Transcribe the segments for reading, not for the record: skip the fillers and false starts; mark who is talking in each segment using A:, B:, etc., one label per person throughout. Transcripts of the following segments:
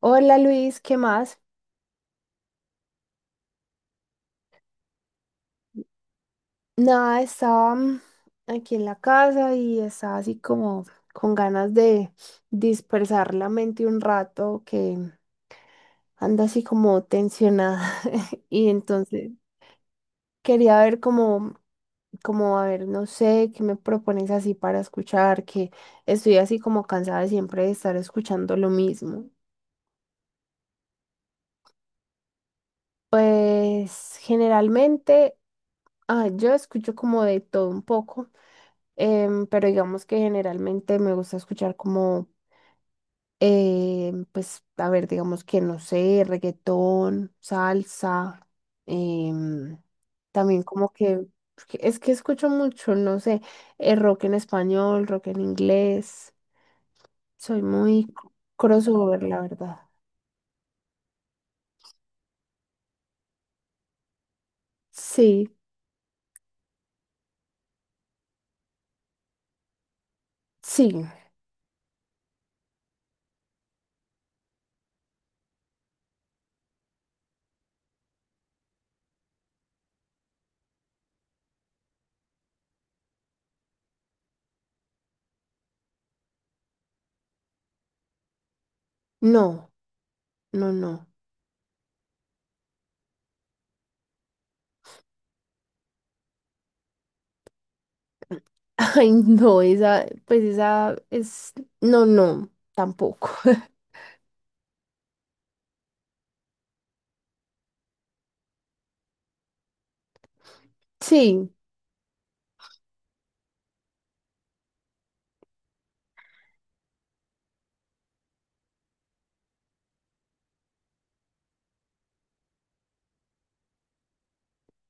A: Hola Luis, ¿qué más? Nada, estaba aquí en la casa y estaba así como con ganas de dispersar la mente un rato que anda así como tensionada y entonces quería ver como a ver, no sé, qué me propones así para escuchar, que estoy así como cansada siempre de estar escuchando lo mismo. Pues generalmente yo escucho como de todo un poco. Pero digamos que generalmente me gusta escuchar pues, a ver, digamos que no sé, reggaetón, salsa, em, también como que, porque es que escucho mucho, no sé, rock en español, rock en inglés, soy muy c- crossover, la verdad. Sí, sí, no, no, no. Ay, no, esa, pues esa es, no, no, tampoco. Sí.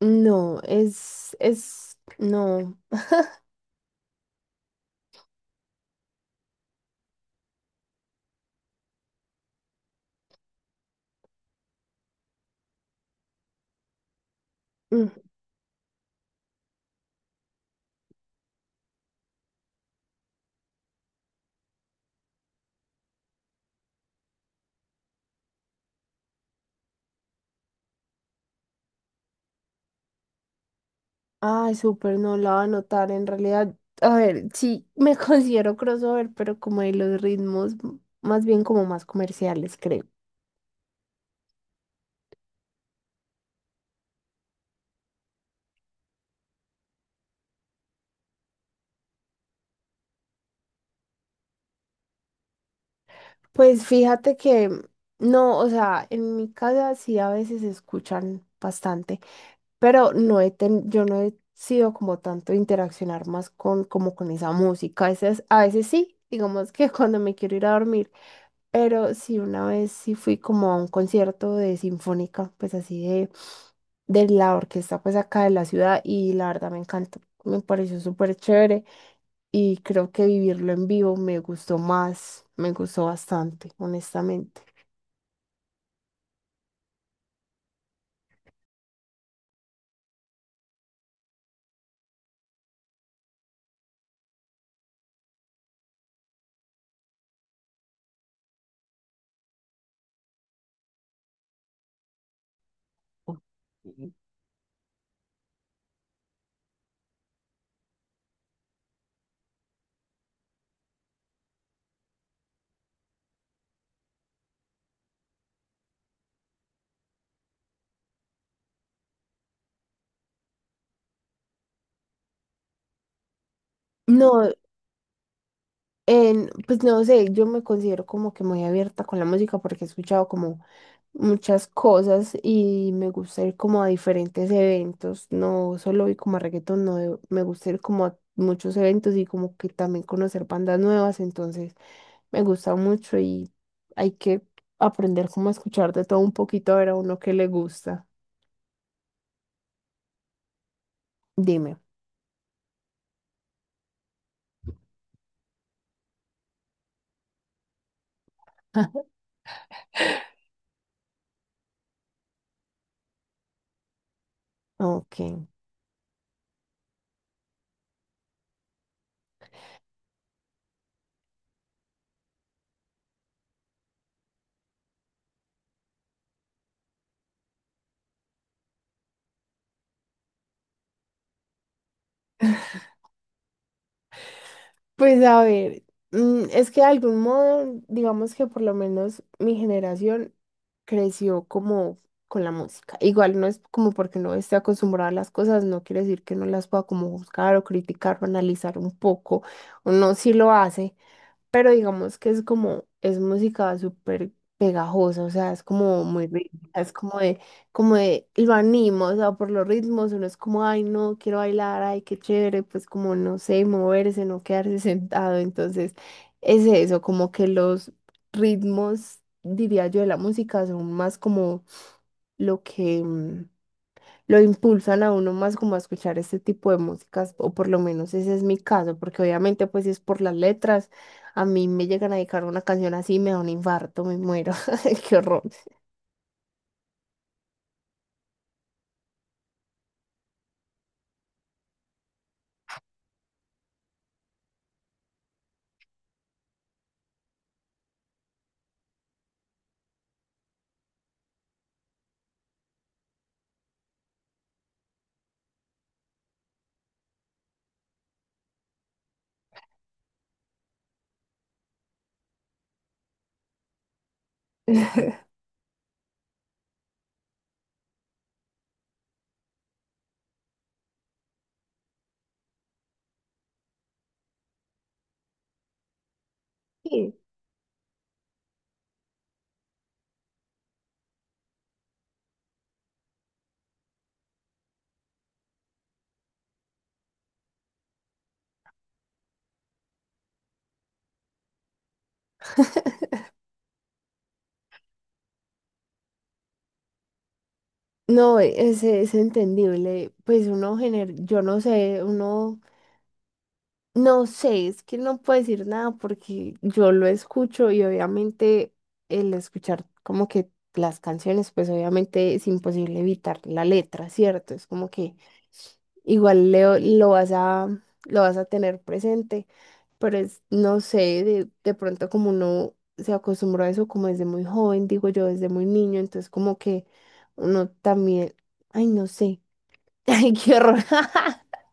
A: No, es, no. Mm. Ay, súper, no la va a notar en realidad. A ver, sí, me considero crossover, pero como de los ritmos, más bien como más comerciales, creo. Pues fíjate que, no, o sea, en mi casa sí a veces se escuchan bastante, pero yo no he sido como tanto interaccionar más con, como con esa música. A veces sí, digamos que cuando me quiero ir a dormir, pero sí una vez sí fui como a un concierto de sinfónica, pues así de la orquesta pues acá de la ciudad y la verdad me encantó, me pareció súper chévere y creo que vivirlo en vivo me gustó más, me gustó bastante, honestamente. No. Pues no sé, yo me considero como que muy abierta con la música porque he escuchado como muchas cosas y me gusta ir como a diferentes eventos, no solo ir como a reggaetón, no, me gusta ir como a muchos eventos y como que también conocer bandas nuevas, entonces me gusta mucho y hay que aprender como a escuchar de todo un poquito a ver a uno que le gusta. Dime. Ok. Pues a ver, es que de algún modo, digamos que por lo menos mi generación creció como con la música. Igual no es como porque no esté acostumbrada a las cosas, no quiere decir que no las pueda como buscar o criticar o analizar un poco, uno sí lo hace, pero digamos que es como, es música súper pegajosa, o sea, es como muy rítmica, es como de, lo animo, o sea, por los ritmos, uno es como, ay, no, quiero bailar, ay, qué chévere, pues como, no sé, moverse, no quedarse sentado, entonces, es eso, como que los ritmos, diría yo, de la música son más como lo que... lo impulsan a uno más como a escuchar este tipo de músicas, o por lo menos ese es mi caso, porque obviamente pues si es por las letras, a mí me llegan a dedicar una canción así, me da un infarto, me muero, qué horror. Sí. No, es entendible, pues yo no sé, uno, no sé, es que no puedo decir nada porque yo lo escucho y obviamente el escuchar como que las canciones, pues obviamente es imposible evitar la letra, ¿cierto? Es como que igual Leo, lo vas a tener presente, pero es, no sé, de pronto como uno se acostumbró a eso como desde muy joven, digo yo, desde muy niño, entonces como que uno también, ay, no sé, ay, qué horror.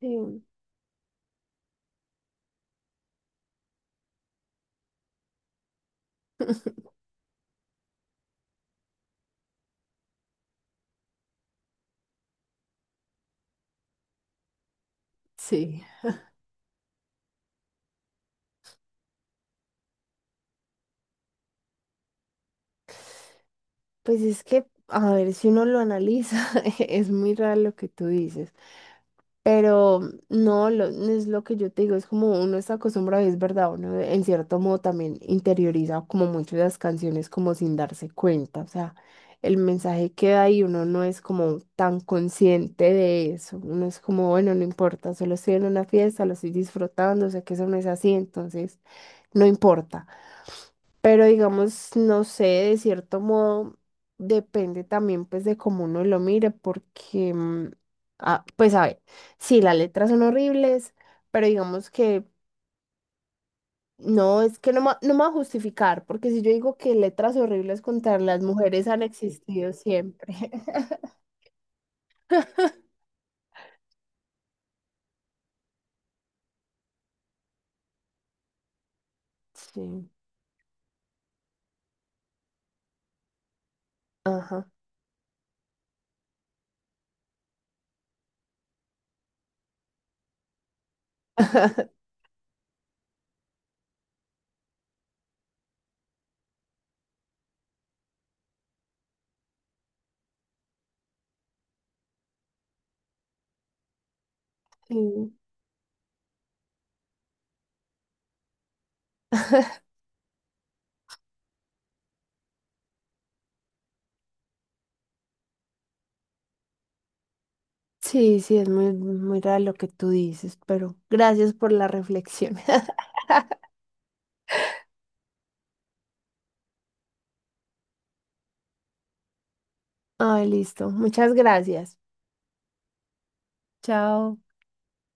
A: Sí. Sí. Pues es que, a ver, si uno lo analiza, es muy raro lo que tú dices. Pero no, es lo que yo te digo, es como uno está acostumbrado, y es verdad, uno en cierto modo también interioriza como mucho las canciones como sin darse cuenta, o sea, el mensaje queda ahí, uno no es como tan consciente de eso, uno es como, bueno, no importa, solo estoy en una fiesta, lo estoy disfrutando, sé que eso no es así, entonces no importa. Pero digamos, no sé, de cierto modo depende también pues de cómo uno lo mire, porque, pues a ver, sí, las letras son horribles, pero digamos que no, es que no, no me va a justificar, porque si yo digo que letras horribles contra las mujeres han existido siempre. Sí, ajá. Sí, sí, sí, es muy, muy raro lo que tú dices, pero gracias por la reflexión. Ay, listo, muchas gracias. Chao.